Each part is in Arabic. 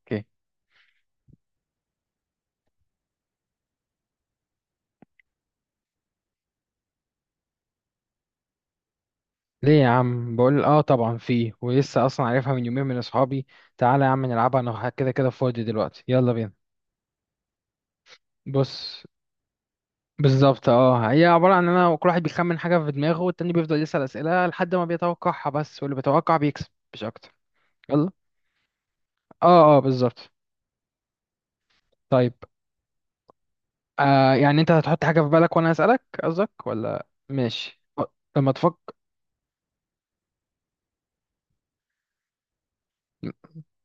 اوكي. ليه يا عم؟ بقول اه طبعا فيه، ولسه اصلا عارفها من يومين من اصحابي. تعالى يا عم نلعبها، انا كده كده فاضي دلوقتي، يلا بينا. بص، بالظبط اه، هي عبارة عن ان انا كل واحد بيخمن حاجة في دماغه والتاني بيفضل يسأل اسئلة لحد ما بيتوقعها، بس واللي بيتوقع بيكسب مش اكتر. يلا. اه اه بالظبط. طيب يعني انت هتحط حاجة في بالك وانا اسألك قصدك، ولا ماشي لما تفكر؟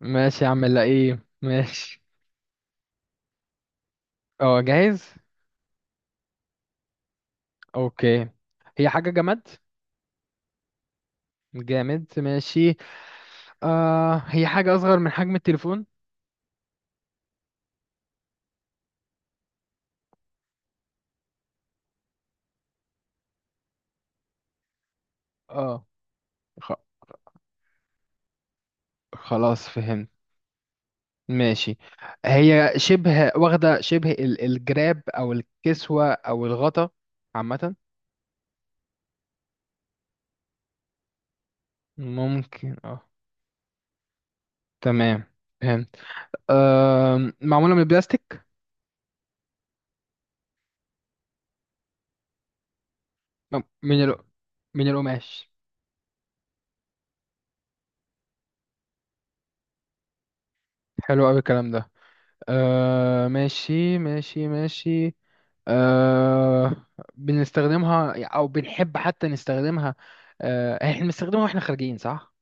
ماشي يا عم، لا ايه، ماشي. اه، جاهز. اوكي. هي حاجة جماد. جامد، ماشي. هي حاجة أصغر من حجم التليفون. اه. خ... خلاص فهمت. ماشي. هي شبه واخدة شبه الجراب أو الكسوة أو الغطا عامة. ممكن اه. تمام فهمت. معمولة من البلاستيك. م- من ال... من القماش. حلو أوي الكلام ده. ماشي ماشي ماشي. آه. بنستخدمها او بنحب حتى نستخدمها. آه احنا بنستخدمها واحنا خارجين، صح؟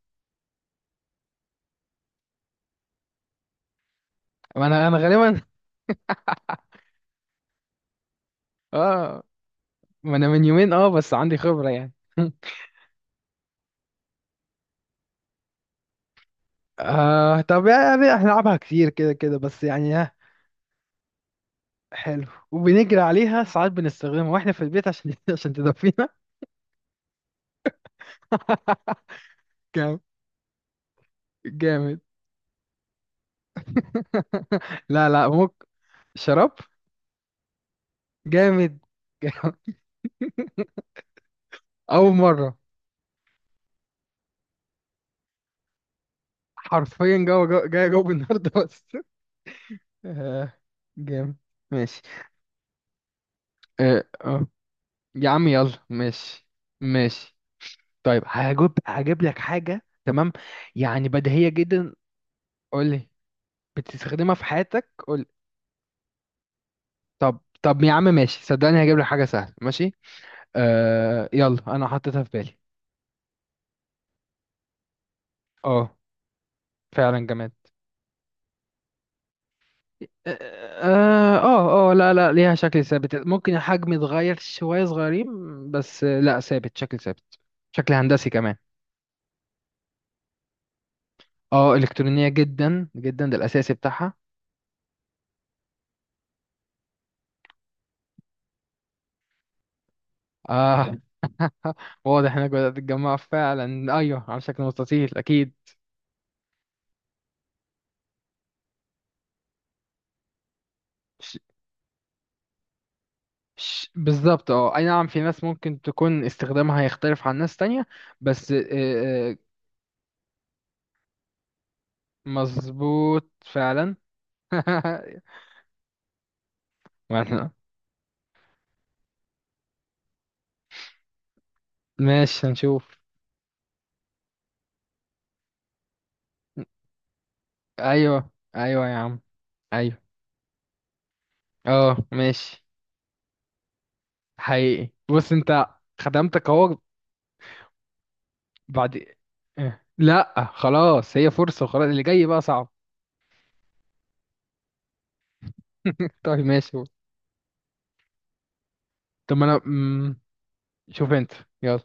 ما انا غالبا. اه ما انا من يومين، بس عندي خبرة يعني. طب يعني احنا نلعبها كتير كده كده، بس يعني ها. حلو، وبنجري عليها ساعات بنستخدمها واحنا في البيت عشان عشان تدفينا. جامد. جامد. لا لا، ممكن. شراب. جامد. جامد. اول مرة، حرفيا جوه جوه، جاي جوه النهارده بس. آه. جامد، ماشي. آه آه. يا عم يلا، ماشي. ماشي. طيب هجيب لك حاجة، تمام. يعني بديهية جدا. قولي. بتستخدمها في حياتك، قولي. طب يا عم ماشي، صدقني هجيب لك حاجة سهلة، ماشي. آه يلا، أنا حطيتها في بالي. اه، فعلا جماد. اه اه لا لا، ليها شكل ثابت، ممكن الحجم يتغير شوية صغيرين، بس لا ثابت، شكل ثابت، شكل هندسي كمان. اه، الكترونيه جدا جدا، ده الاساسي بتاعها. اه واضح انك بدات تتجمع فعلا، ايوه على شكل مستطيل اكيد. ش- بالظبط اه، اي نعم في ناس ممكن تكون استخدامها هيختلف عن ناس تانية، بس مظبوط فعلا. ما إحنا- ماشي هنشوف. ايوه ايوه يا عم، ايوه. اه ماشي. حقيقي بص انت، خدمتك اهو. بعد إيه؟ لا خلاص، هي فرصة وخلاص، اللي جاي بقى صعب. طيب ماشي. طب ما انا شوف انت، يلا.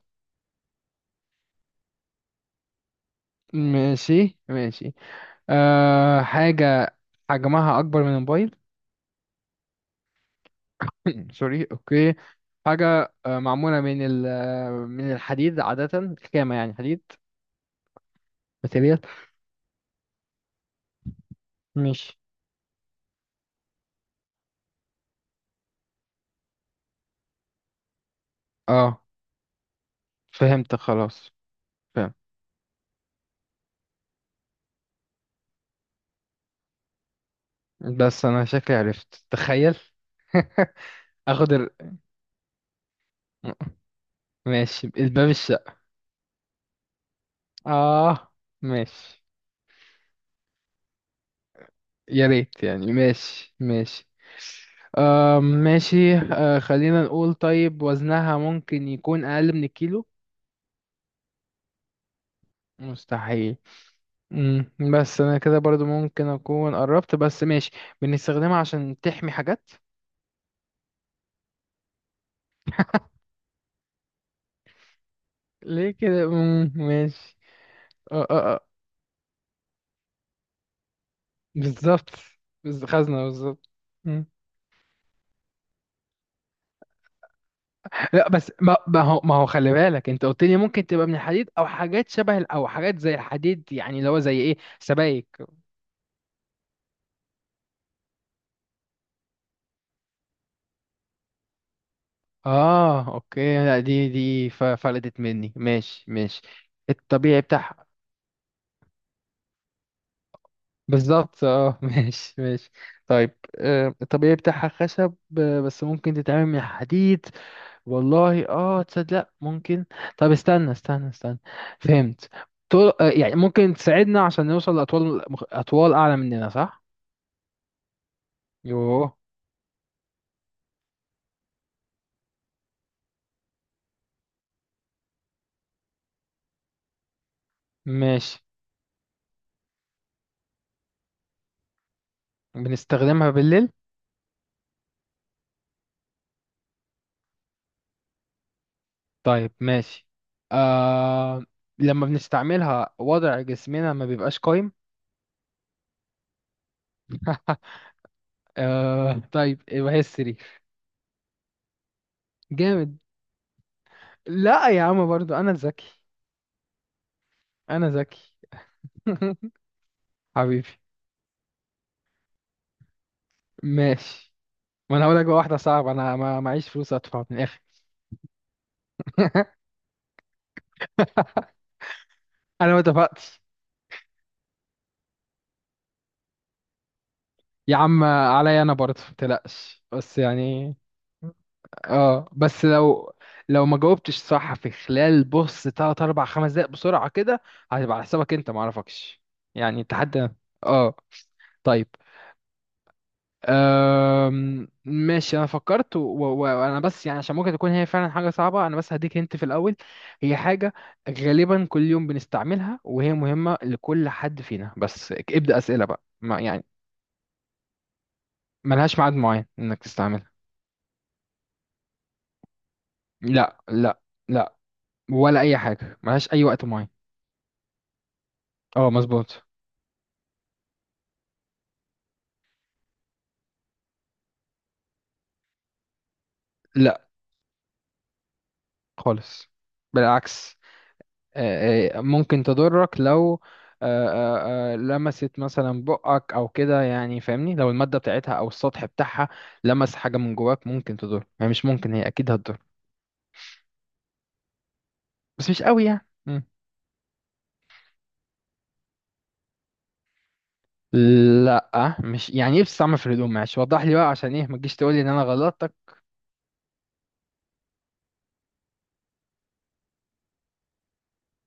ماشي ماشي. أه، حاجة حجمها أكبر من الموبايل. سوري، أوكي. حاجة معمولة من ال آه، من الحديد، عادة خامة يعني حديد، ماتيريال. مش اه، فهمت خلاص. فهم، بس أنا شكلي عرفت تخيل. اخد ال... ماشي، الباب، الشقة. اه ماشي. يا ريت يعني، ماشي ماشي. ماشي، خلينا نقول طيب وزنها ممكن يكون أقل من الكيلو. مستحيل؟ بس أنا كده برضو ممكن أكون قربت، بس ماشي. بنستخدمها عشان تحمي حاجات. ليه كده؟ ماشي. آه آه آه، بالظبط، خزنة بالظبط. مم. لا بس ما هو خلي بالك، انت قلت لي ممكن تبقى من الحديد او حاجات شبه او حاجات زي الحديد، يعني اللي هو زي ايه، سبائك. اه اوكي، لا دي فلتت مني، ماشي ماشي. الطبيعي بتاعها، بالظبط اه. ماشي ماشي. طيب الطبيعي بتاعها خشب بس ممكن تتعمل من حديد. والله اه، تصدق لا ممكن. طب استنى استنى استنى، فهمت. طول، يعني ممكن تساعدنا عشان نوصل لأطوال أطوال أعلى مننا، صح؟ يوه. ماشي. بنستخدمها بالليل. طيب ماشي. آه. لما بنستعملها وضع جسمنا ما بيبقاش قايم. آه طيب، يبقى هي السرير. جامد. لا يا عم برضو انا ذكي. انا ذكي. حبيبي، ماشي. ما انا هقول لك بقى واحده صعبه، انا ما معيش فلوس ادفع من الاخر. انا ما اتفقتش. يا عم عليا انا برضو، ما تقلقش بس يعني. اه بس لو لو ما جاوبتش صح في خلال بص تلات اربع خمس دقايق بسرعة كده، هتبقى على حسابك انت، معرفكش، يعني التحدي. اه. طيب. ماشي انا فكرت، وانا بس يعني عشان ممكن تكون هي فعلا حاجة صعبة، انا بس هديك هنت في الاول. هي حاجة غالبا كل يوم بنستعملها، وهي مهمة لكل حد فينا، بس ابدأ أسئلة بقى ما يعني. ملهاش ميعاد معين انك تستعملها. لا لا لا، ولا اي حاجة، ملهاش اي وقت معين. اه مظبوط. لا خالص، بالعكس. ممكن تضرك لو لمست مثلا بقك او كده، يعني فاهمني، لو المادة بتاعتها او السطح بتاعها لمس حاجة من جواك ممكن تضر، يعني مش ممكن، هي اكيد هتضر بس مش قوي يعني. مم. لا، مش يعني ايه بتستعمل في الهدوم، معلش وضح لي بقى، عشان ايه ما تجيش تقول لي ان انا غلطتك.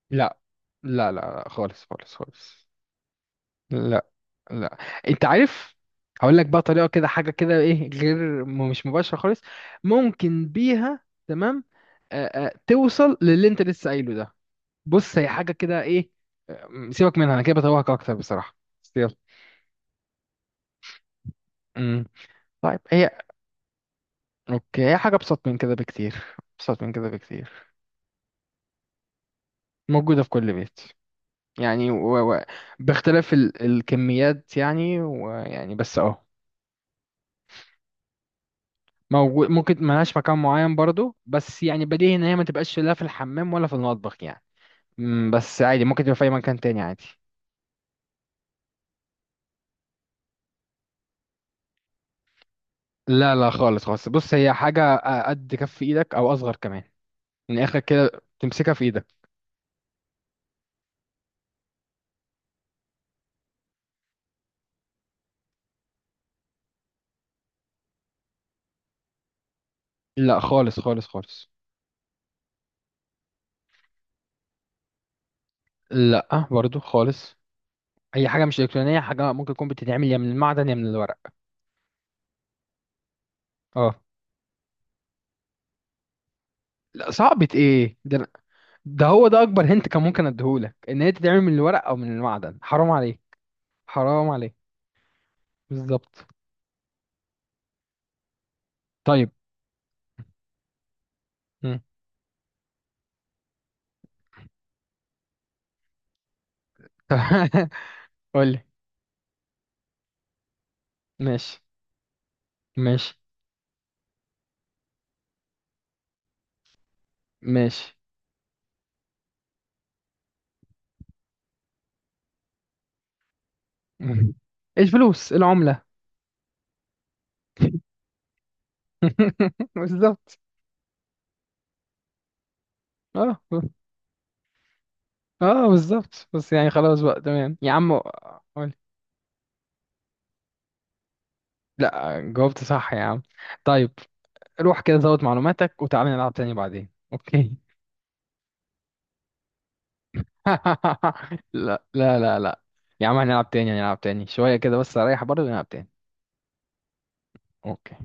لا لا لا لا، خالص خالص خالص. لا لا، انت عارف. هقول لك بقى طريقه كده، حاجه كده ايه غير مش مباشره خالص، ممكن بيها تمام آه آه توصل للي انت لسه قايله ده. بص هي حاجه كده ايه، سيبك منها، انا كده بتوهك اكتر بصراحه، بس يلا. امم طيب هي، اوكي هي حاجه ابسط من كده بكتير، ابسط من كده بكتير. موجوده في كل بيت، يعني باختلاف الكميات يعني، ويعني بس اهو. موجود، ممكن ملهاش مكان معين برضو، بس يعني بديهي ان هي ما تبقاش لا في الحمام ولا في المطبخ يعني. بس عادي ممكن تبقى في اي مكان تاني عادي. لا لا خالص خالص، بص هي حاجة قد كف ايدك او اصغر كمان، من الاخر كده تمسكها في ايدك. لا خالص خالص خالص. لا برضو خالص، هي حاجة مش الكترونية، حاجة ممكن تكون بتتعمل يا من المعدن يا من الورق. اه. لا صعبة ايه ده، ده هو ده اكبر هنت كان ممكن اديهولك، ان هي تتعمل من الورق او من المعدن، حرام عليه حرام عليه. بالظبط. طيب. قول لي. ماشي ماشي ماشي. الفلوس، العملة. بالظبط. اه اه بالظبط، بس يعني خلاص بقى تمام يا عم. قول. لا جاوبت صح يا عم. طيب، روح كده زود معلوماتك وتعالى نلعب تاني بعدين، اوكي. لا لا لا لا يا عم، هنلعب تاني هنلعب تاني شوية كده، بس اريح برضه ونلعب تاني. اوكي.